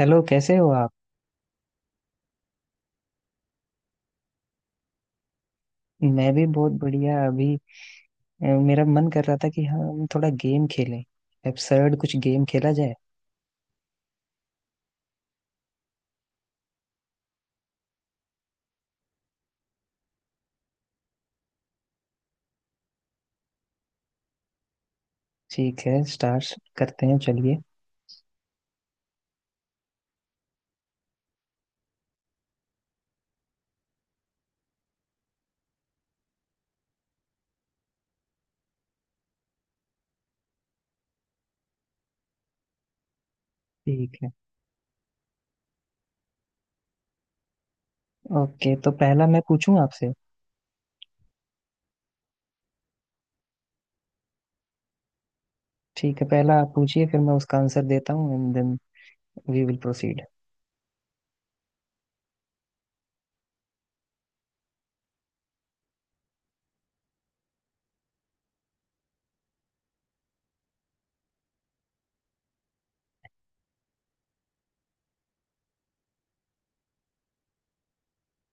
Hello कैसे हो आप। मैं भी बहुत बढ़िया अभी। मेरा मन कर रहा था कि हम थोड़ा गेम खेलें। एब्सर्ड कुछ गेम खेला जाए। ठीक है, स्टार्ट करते हैं चलिए। ठीक है, ओके, तो पहला मैं पूछूं आपसे। ठीक है, पहला आप पूछिए, फिर मैं उसका आंसर देता हूँ and then we will proceed.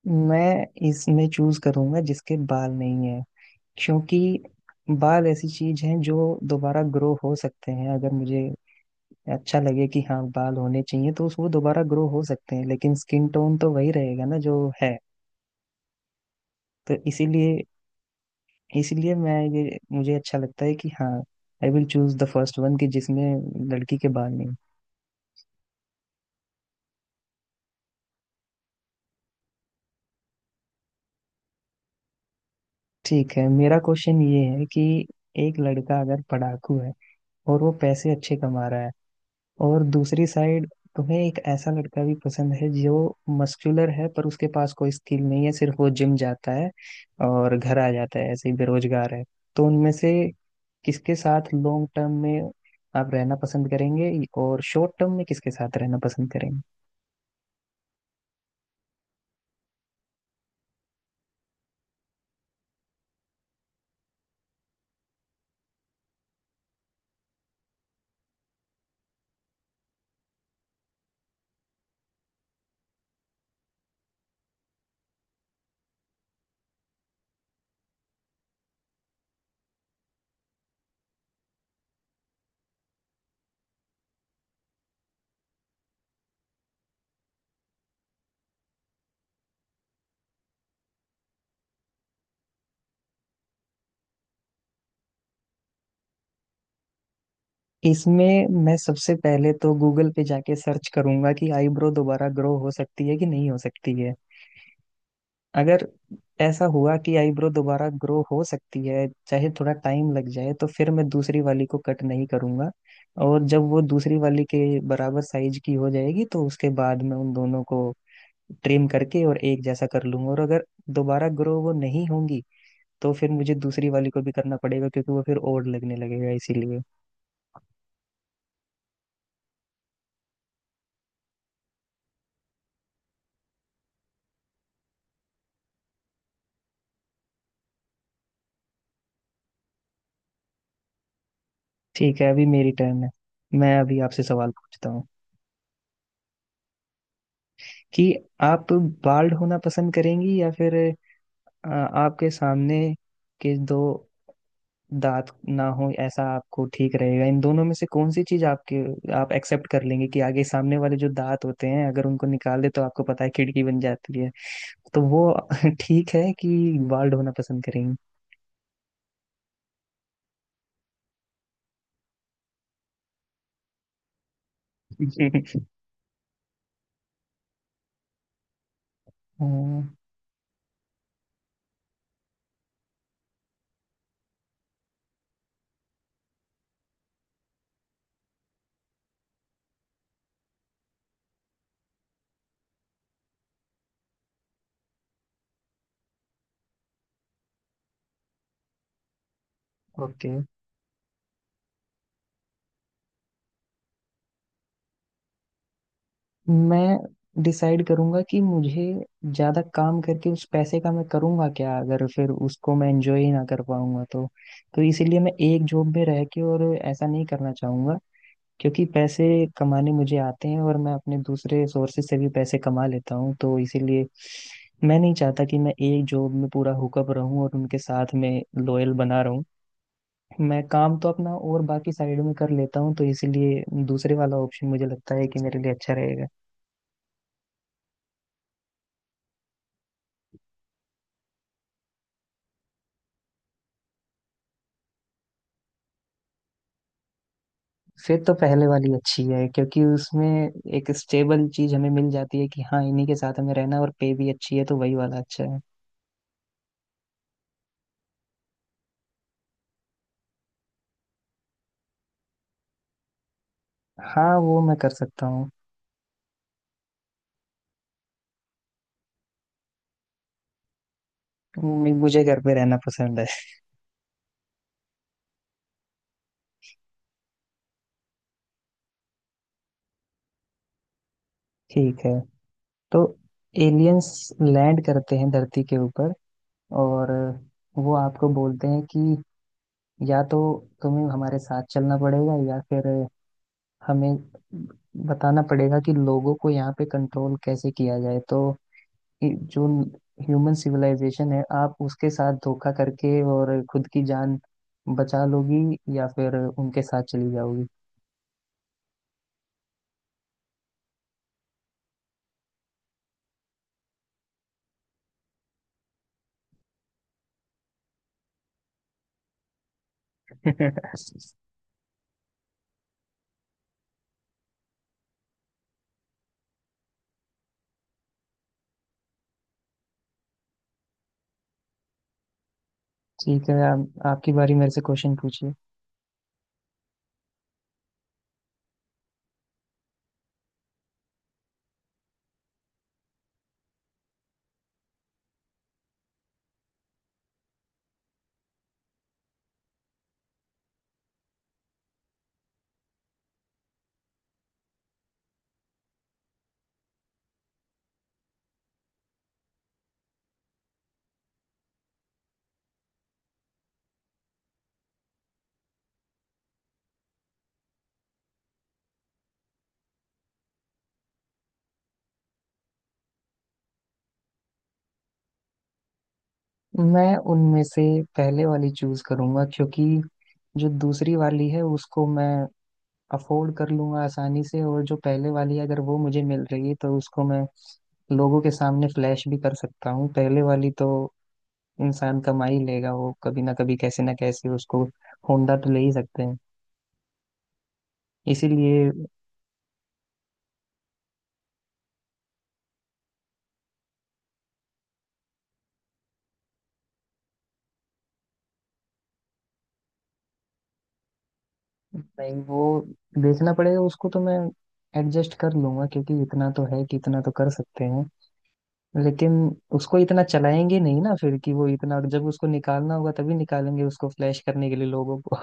मैं इसमें चूज करूंगा जिसके बाल नहीं है, क्योंकि बाल ऐसी चीज है जो दोबारा ग्रो हो सकते हैं। अगर मुझे अच्छा लगे कि हाँ बाल होने चाहिए तो वो दोबारा ग्रो हो सकते हैं, लेकिन स्किन टोन तो वही रहेगा ना जो है। तो इसीलिए, इसीलिए मैं ये मुझे अच्छा लगता है कि हाँ I will choose the first one, कि जिसमें लड़की के बाल नहीं। ठीक है, मेरा क्वेश्चन ये है कि एक लड़का अगर पढ़ाकू है और वो पैसे अच्छे कमा रहा है, और दूसरी साइड तुम्हें एक ऐसा लड़का भी पसंद है जो मस्कुलर है पर उसके पास कोई स्किल नहीं है, सिर्फ वो जिम जाता है और घर आ जाता है ऐसे ही बेरोजगार है। तो उनमें से किसके साथ लॉन्ग टर्म में आप रहना पसंद करेंगे, और शॉर्ट टर्म में किसके साथ रहना पसंद करेंगे। इसमें मैं सबसे पहले तो गूगल पे जाके सर्च करूंगा कि आईब्रो दोबारा ग्रो हो सकती है कि नहीं हो सकती है। अगर ऐसा हुआ कि आईब्रो दोबारा ग्रो हो सकती है, चाहे थोड़ा टाइम लग जाए, तो फिर मैं दूसरी वाली को कट नहीं करूंगा। और जब वो दूसरी वाली के बराबर साइज की हो जाएगी तो उसके बाद मैं उन दोनों को ट्रिम करके और एक जैसा कर लूंगा। और अगर दोबारा ग्रो वो नहीं होंगी तो फिर मुझे दूसरी वाली को भी करना पड़ेगा, क्योंकि वो फिर और लगने लगेगा, इसीलिए। ठीक है, अभी मेरी टर्न है। मैं अभी आपसे सवाल पूछता हूँ कि आप बाल्ड होना पसंद करेंगी, या फिर आ, आपके सामने के दो दांत ना हो, ऐसा आपको ठीक रहेगा? इन दोनों में से कौन सी चीज आपके, आप एक्सेप्ट कर लेंगे कि आगे सामने वाले जो दांत होते हैं अगर उनको निकाल दे तो आपको पता है खिड़की बन जाती है। तो वो ठीक है कि बाल्ड होना पसंद करेंगे? ओके, मैं डिसाइड करूंगा कि मुझे ज्यादा काम करके उस पैसे का मैं करूंगा क्या, अगर फिर उसको मैं एंजॉय ही ना कर पाऊंगा तो। तो इसीलिए मैं एक जॉब में रह के और ऐसा नहीं करना चाहूंगा, क्योंकि पैसे कमाने मुझे आते हैं और मैं अपने दूसरे सोर्सेज से भी पैसे कमा लेता हूँ। तो इसीलिए मैं नहीं चाहता कि मैं एक जॉब में पूरा हुकअप रहूं और उनके साथ में लॉयल बना रहूं। मैं काम तो अपना और बाकी साइड में कर लेता हूँ, तो इसीलिए दूसरे वाला ऑप्शन मुझे लगता है कि मेरे लिए अच्छा रहेगा। फिर तो पहले वाली अच्छी है, क्योंकि उसमें एक स्टेबल चीज हमें मिल जाती है कि हाँ इन्हीं के साथ हमें रहना है, और पे भी अच्छी है तो वही वाला अच्छा है। हाँ, वो मैं कर सकता हूँ। मुझे घर पे रहना पसंद है। ठीक है, तो एलियंस लैंड करते हैं धरती के ऊपर, और वो आपको बोलते हैं कि या तो तुम्हें हमारे साथ चलना पड़ेगा, या फिर हमें बताना पड़ेगा कि लोगों को यहाँ पे कंट्रोल कैसे किया जाए। तो ये जो ह्यूमन सिविलाइजेशन है, आप उसके साथ धोखा करके और खुद की जान बचा लोगी, या फिर उनके साथ चली जाओगी? ठीक है, आपकी बारी, मेरे से क्वेश्चन पूछिए। मैं उनमें से पहले वाली चूज करूंगा, क्योंकि जो दूसरी वाली है उसको मैं अफोर्ड कर लूंगा आसानी से, और जो पहले वाली है अगर वो मुझे मिल रही है तो उसको मैं लोगों के सामने फ्लैश भी कर सकता हूँ। पहले वाली तो इंसान कमा ही लेगा वो कभी ना कभी, कैसे ना कैसे उसको। होंडा तो ले ही सकते हैं इसीलिए। नहीं, वो देखना पड़ेगा, उसको तो मैं एडजस्ट कर लूंगा, क्योंकि इतना तो है कि इतना तो कर सकते हैं। लेकिन उसको इतना चलाएंगे नहीं ना फिर, कि वो इतना जब उसको निकालना होगा तभी निकालेंगे, उसको फ्लैश करने के लिए लोगों को।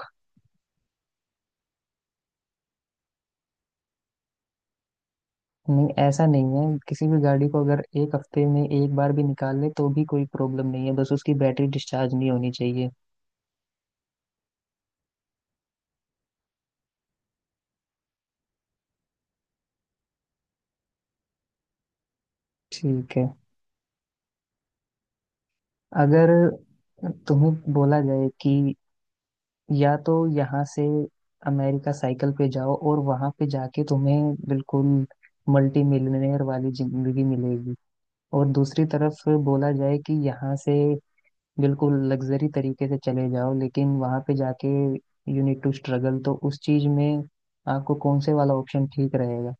नहीं, ऐसा नहीं है, किसी भी गाड़ी को अगर एक हफ्ते में एक बार भी निकाल ले तो भी कोई प्रॉब्लम नहीं है, बस उसकी बैटरी डिस्चार्ज नहीं होनी चाहिए। ठीक है, अगर तुम्हें बोला जाए कि या तो यहाँ से अमेरिका साइकिल पे जाओ और वहां पे जाके तुम्हें बिल्कुल मल्टी मिलियनेयर वाली जिंदगी मिलेगी, और दूसरी तरफ बोला जाए कि यहाँ से बिल्कुल लग्जरी तरीके से चले जाओ लेकिन वहां पे जाके यू नीड टू स्ट्रगल, तो उस चीज में आपको कौन से वाला ऑप्शन ठीक रहेगा?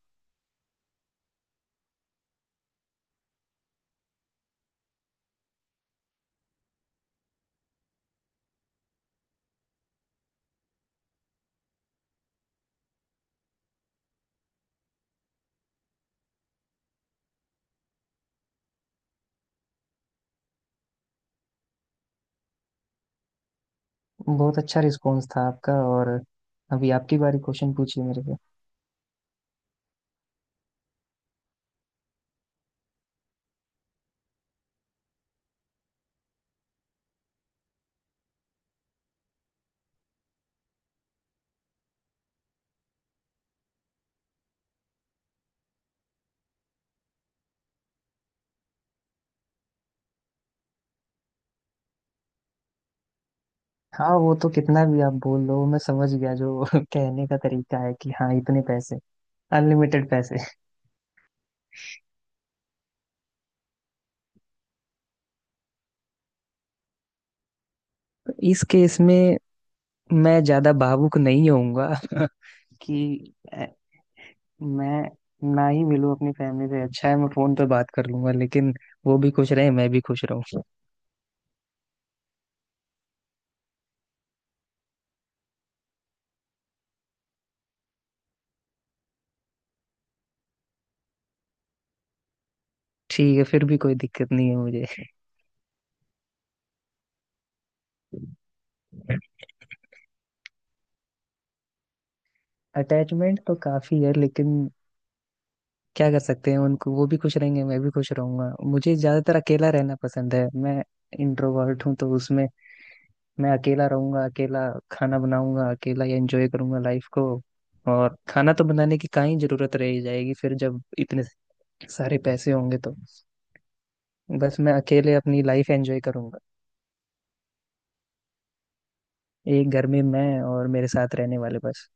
बहुत अच्छा रिस्पॉन्स था आपका, और अभी आपकी बारी, क्वेश्चन पूछिए मेरे से। हाँ, वो तो कितना भी आप बोल लो, मैं समझ गया जो कहने का तरीका है कि हाँ इतने पैसे, अनलिमिटेड पैसे। इस केस में मैं ज्यादा भावुक नहीं होऊंगा कि मैं ना ही मिलूँ अपनी फैमिली से अच्छा है, मैं फोन पे बात कर लूंगा, लेकिन वो भी खुश रहे मैं भी खुश रहूँ। ठीक है, फिर भी कोई दिक्कत नहीं है मुझे। अटैचमेंट तो काफी है, लेकिन क्या कर सकते हैं, उनको वो भी खुश रहेंगे मैं भी खुश रहूंगा। मुझे ज्यादातर अकेला रहना पसंद है, मैं इंट्रोवर्ट हूँ, तो उसमें मैं अकेला रहूंगा, अकेला खाना बनाऊंगा, अकेला एंजॉय करूंगा लाइफ को। और खाना तो बनाने की कहाँ ही जरूरत रह जाएगी फिर, जब इतने सारे पैसे होंगे तो। बस मैं अकेले अपनी लाइफ एंजॉय करूंगा, एक घर में मैं और मेरे साथ रहने वाले बस।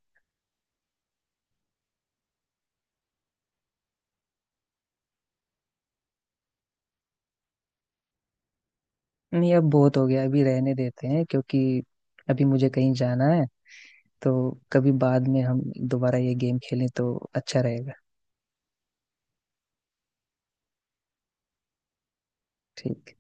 नहीं, अब बहुत हो गया, अभी रहने देते हैं, क्योंकि अभी मुझे कहीं जाना है। तो कभी बाद में हम दोबारा ये गेम खेलें तो अच्छा रहेगा। ठीक।